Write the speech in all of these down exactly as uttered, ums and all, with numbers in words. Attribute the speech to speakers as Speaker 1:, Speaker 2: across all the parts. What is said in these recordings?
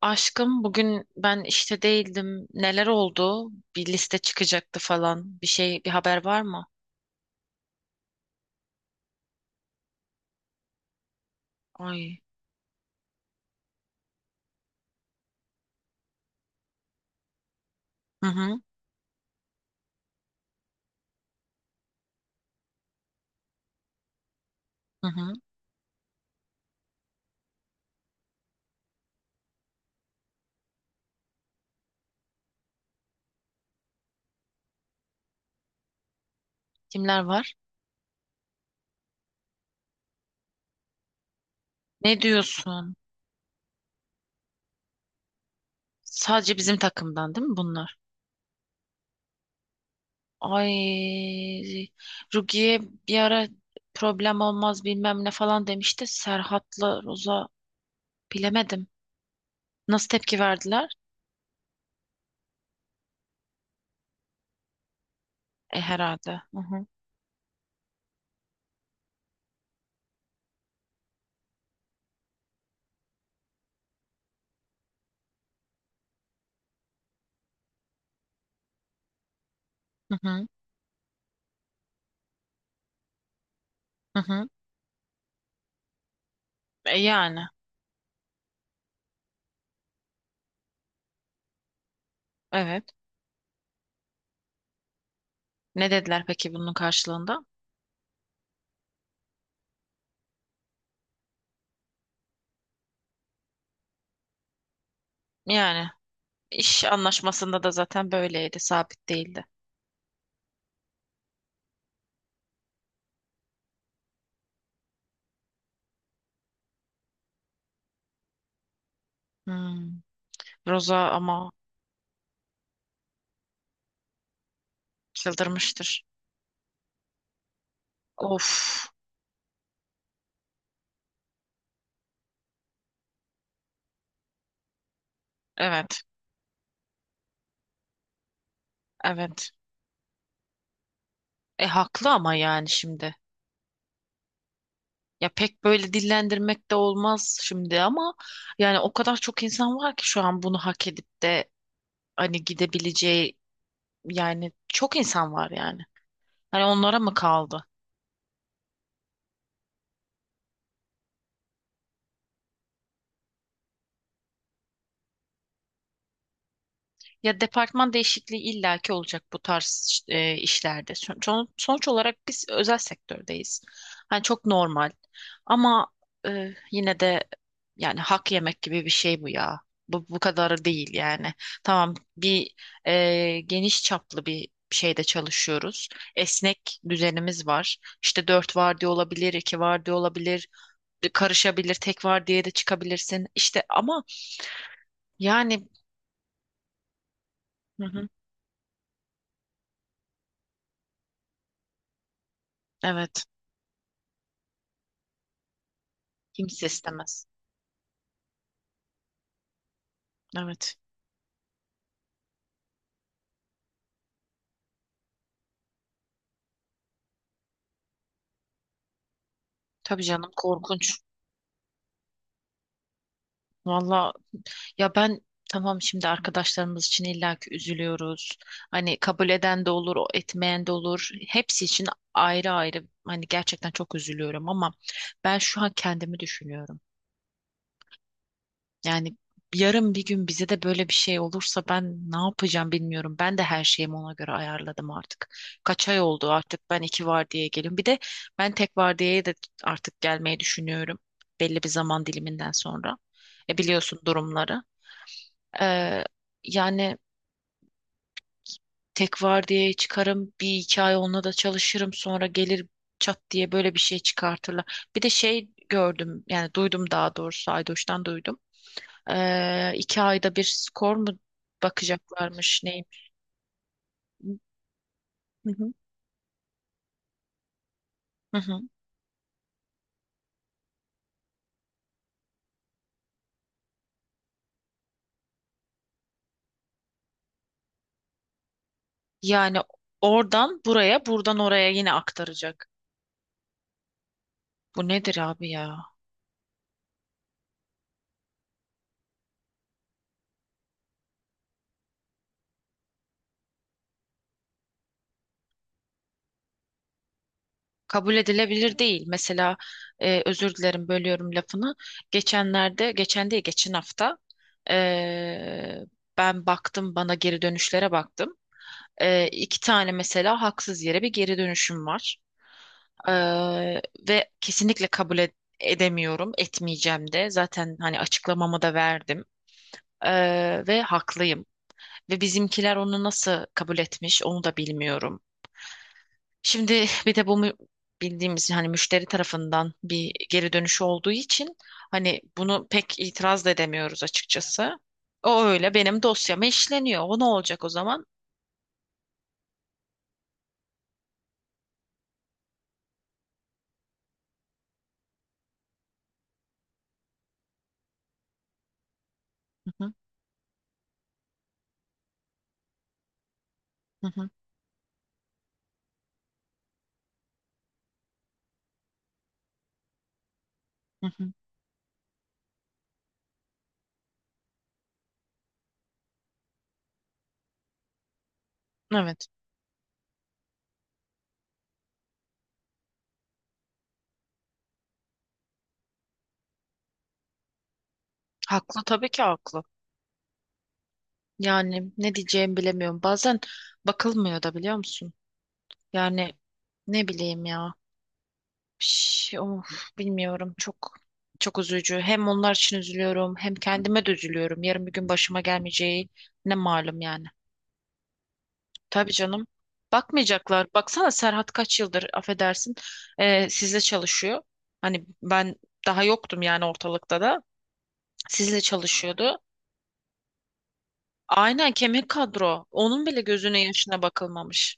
Speaker 1: Aşkım bugün ben işte değildim. Neler oldu? Bir liste çıkacaktı falan. Bir şey, bir haber var mı? Ay. Hı hı. Hı hı. Kimler var? Ne diyorsun? Sadece bizim takımdan değil mi bunlar? Ay. Rukiye bir ara problem olmaz bilmem ne falan demişti. Serhat'la Roza bilemedim. Nasıl tepki verdiler? E herhalde. Hı hı. Hı hı. Hı hı. E, yani. Evet. Ne dediler peki bunun karşılığında? Yani. İş anlaşmasında da zaten böyleydi, sabit değildi. Hmm. Roza ama çıldırmıştır. Of, evet, evet. E haklı ama yani şimdi. Ya pek böyle dillendirmek de olmaz şimdi ama yani o kadar çok insan var ki şu an bunu hak edip de hani gidebileceği yani çok insan var yani. Hani onlara mı kaldı? Ya departman değişikliği illaki olacak bu tarz işte, e, işlerde. Son- son- sonuç olarak biz özel sektördeyiz. Hani çok normal. Ama e, yine de yani hak yemek gibi bir şey bu ya. Bu bu kadarı değil yani. Tamam bir e, geniş çaplı bir şeyde çalışıyoruz. Esnek düzenimiz var. İşte dört vardiya olabilir, iki vardiya olabilir, karışabilir, tek vardiyaya da çıkabilirsin. İşte ama yani hı hı, evet, kimse istemez. Evet. Tabii canım, korkunç. Valla ya ben tamam, şimdi arkadaşlarımız için illaki üzülüyoruz. Hani kabul eden de olur, o etmeyen de olur. Hepsi için ayrı ayrı hani gerçekten çok üzülüyorum ama ben şu an kendimi düşünüyorum. Yani yarın bir gün bize de böyle bir şey olursa ben ne yapacağım bilmiyorum. Ben de her şeyimi ona göre ayarladım artık. Kaç ay oldu artık ben iki vardiyaya geliyorum. Bir de ben tek vardiyaya da artık gelmeyi düşünüyorum. Belli bir zaman diliminden sonra. E biliyorsun durumları. Ee, yani tek vardiyaya çıkarım. Bir iki ay onunla da çalışırım. Sonra gelir çat diye böyle bir şey çıkartırlar. Bir de şey gördüm, yani duydum daha doğrusu, Aydoş'tan duydum. Ee, iki ayda bir skor mu bakacaklarmış, neymiş? Hı hı. Hı hı. Yani oradan buraya, buradan oraya yine aktaracak. Bu nedir abi ya? Kabul edilebilir değil. Mesela e, özür dilerim, bölüyorum lafını. Geçenlerde, geçen değil, geçen hafta e, ben baktım, bana geri dönüşlere baktım. E, iki tane mesela haksız yere bir geri dönüşüm var. Eee, ve kesinlikle kabul ed- edemiyorum, etmeyeceğim de. Zaten hani açıklamamı da verdim. Eee, ve haklıyım. Ve bizimkiler onu nasıl kabul etmiş onu da bilmiyorum. Şimdi bir de bu mü- bildiğimiz hani müşteri tarafından bir geri dönüşü olduğu için hani bunu pek itiraz da edemiyoruz açıkçası. O öyle benim dosyama işleniyor. O ne olacak o zaman? Hı hı, hı hı, hı hı. Evet. Haklı, tabii ki haklı. Yani ne diyeceğimi bilemiyorum. Bazen bakılmıyor da, biliyor musun? Yani ne bileyim ya. Şş, of, bilmiyorum. Çok çok üzücü. Hem onlar için üzülüyorum, hem kendime de üzülüyorum. Yarın bir gün başıma gelmeyeceği ne malum yani. Tabii canım. Bakmayacaklar. Baksana Serhat kaç yıldır, affedersin, e, sizle çalışıyor. Hani ben daha yoktum yani ortalıkta da. Sizle çalışıyordu. Aynen, kemik kadro. Onun bile gözüne yaşına bakılmamış.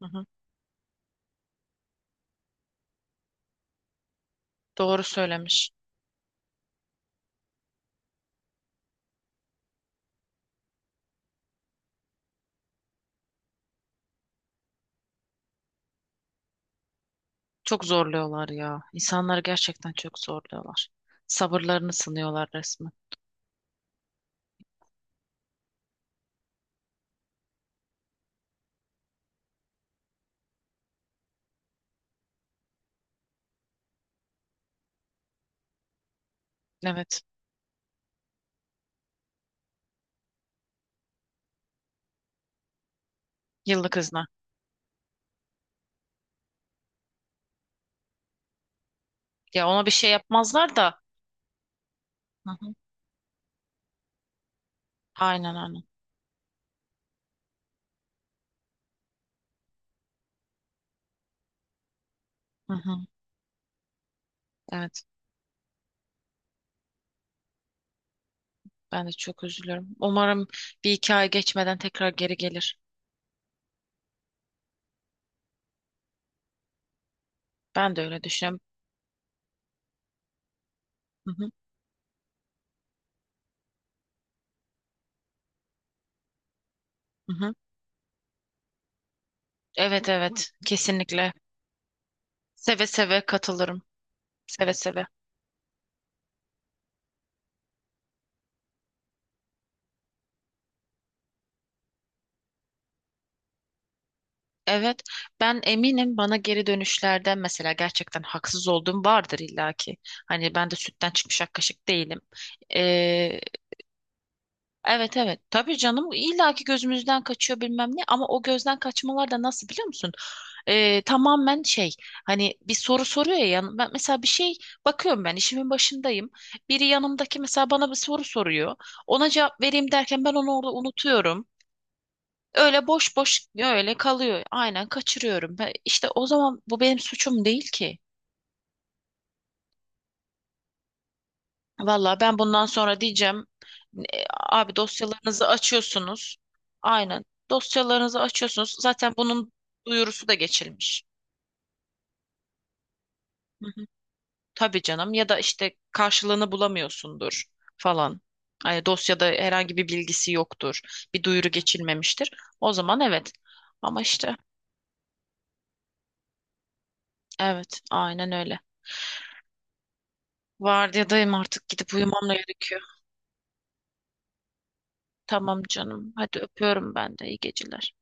Speaker 1: Hı hı. Doğru söylemiş. Çok zorluyorlar ya. İnsanları gerçekten çok zorluyorlar. Sabırlarını sınıyorlar resmen. Evet. Yıllık izne. Ya ona bir şey yapmazlar da. Hı hı. Aynen aynen. Hı hı. Evet. Ben de çok üzülüyorum. Umarım bir iki ay geçmeden tekrar geri gelir. Ben de öyle düşünüyorum. Hı hı. Hı hı. Evet, evet. Kesinlikle. Seve seve katılırım. Seve seve. Evet, ben eminim bana geri dönüşlerden mesela gerçekten haksız olduğum vardır illaki. Hani ben de sütten çıkmış ak kaşık değilim. Ee, evet, evet, tabii canım, illaki gözümüzden kaçıyor bilmem ne, ama o gözden kaçmalar da nasıl, biliyor musun? Ee, tamamen şey, hani bir soru soruyor ya, yan- ben mesela bir şey bakıyorum, ben işimin başındayım. Biri yanımdaki mesela bana bir soru soruyor. Ona cevap vereyim derken ben onu orada unutuyorum. Öyle boş boş gitmiyor, öyle kalıyor. Aynen, kaçırıyorum. Ben, işte o zaman bu benim suçum değil ki. Valla ben bundan sonra diyeceğim e, abi dosyalarınızı açıyorsunuz. Aynen, dosyalarınızı açıyorsunuz. Zaten bunun duyurusu da geçilmiş. Hı hı. Tabii canım, ya da işte karşılığını bulamıyorsundur falan. Hani dosyada herhangi bir bilgisi yoktur. Bir duyuru geçilmemiştir. O zaman evet. Ama işte evet, aynen öyle. Vardiyadayım, artık gidip uyumam gerekiyor. Tamam canım. Hadi öpüyorum ben de. İyi geceler.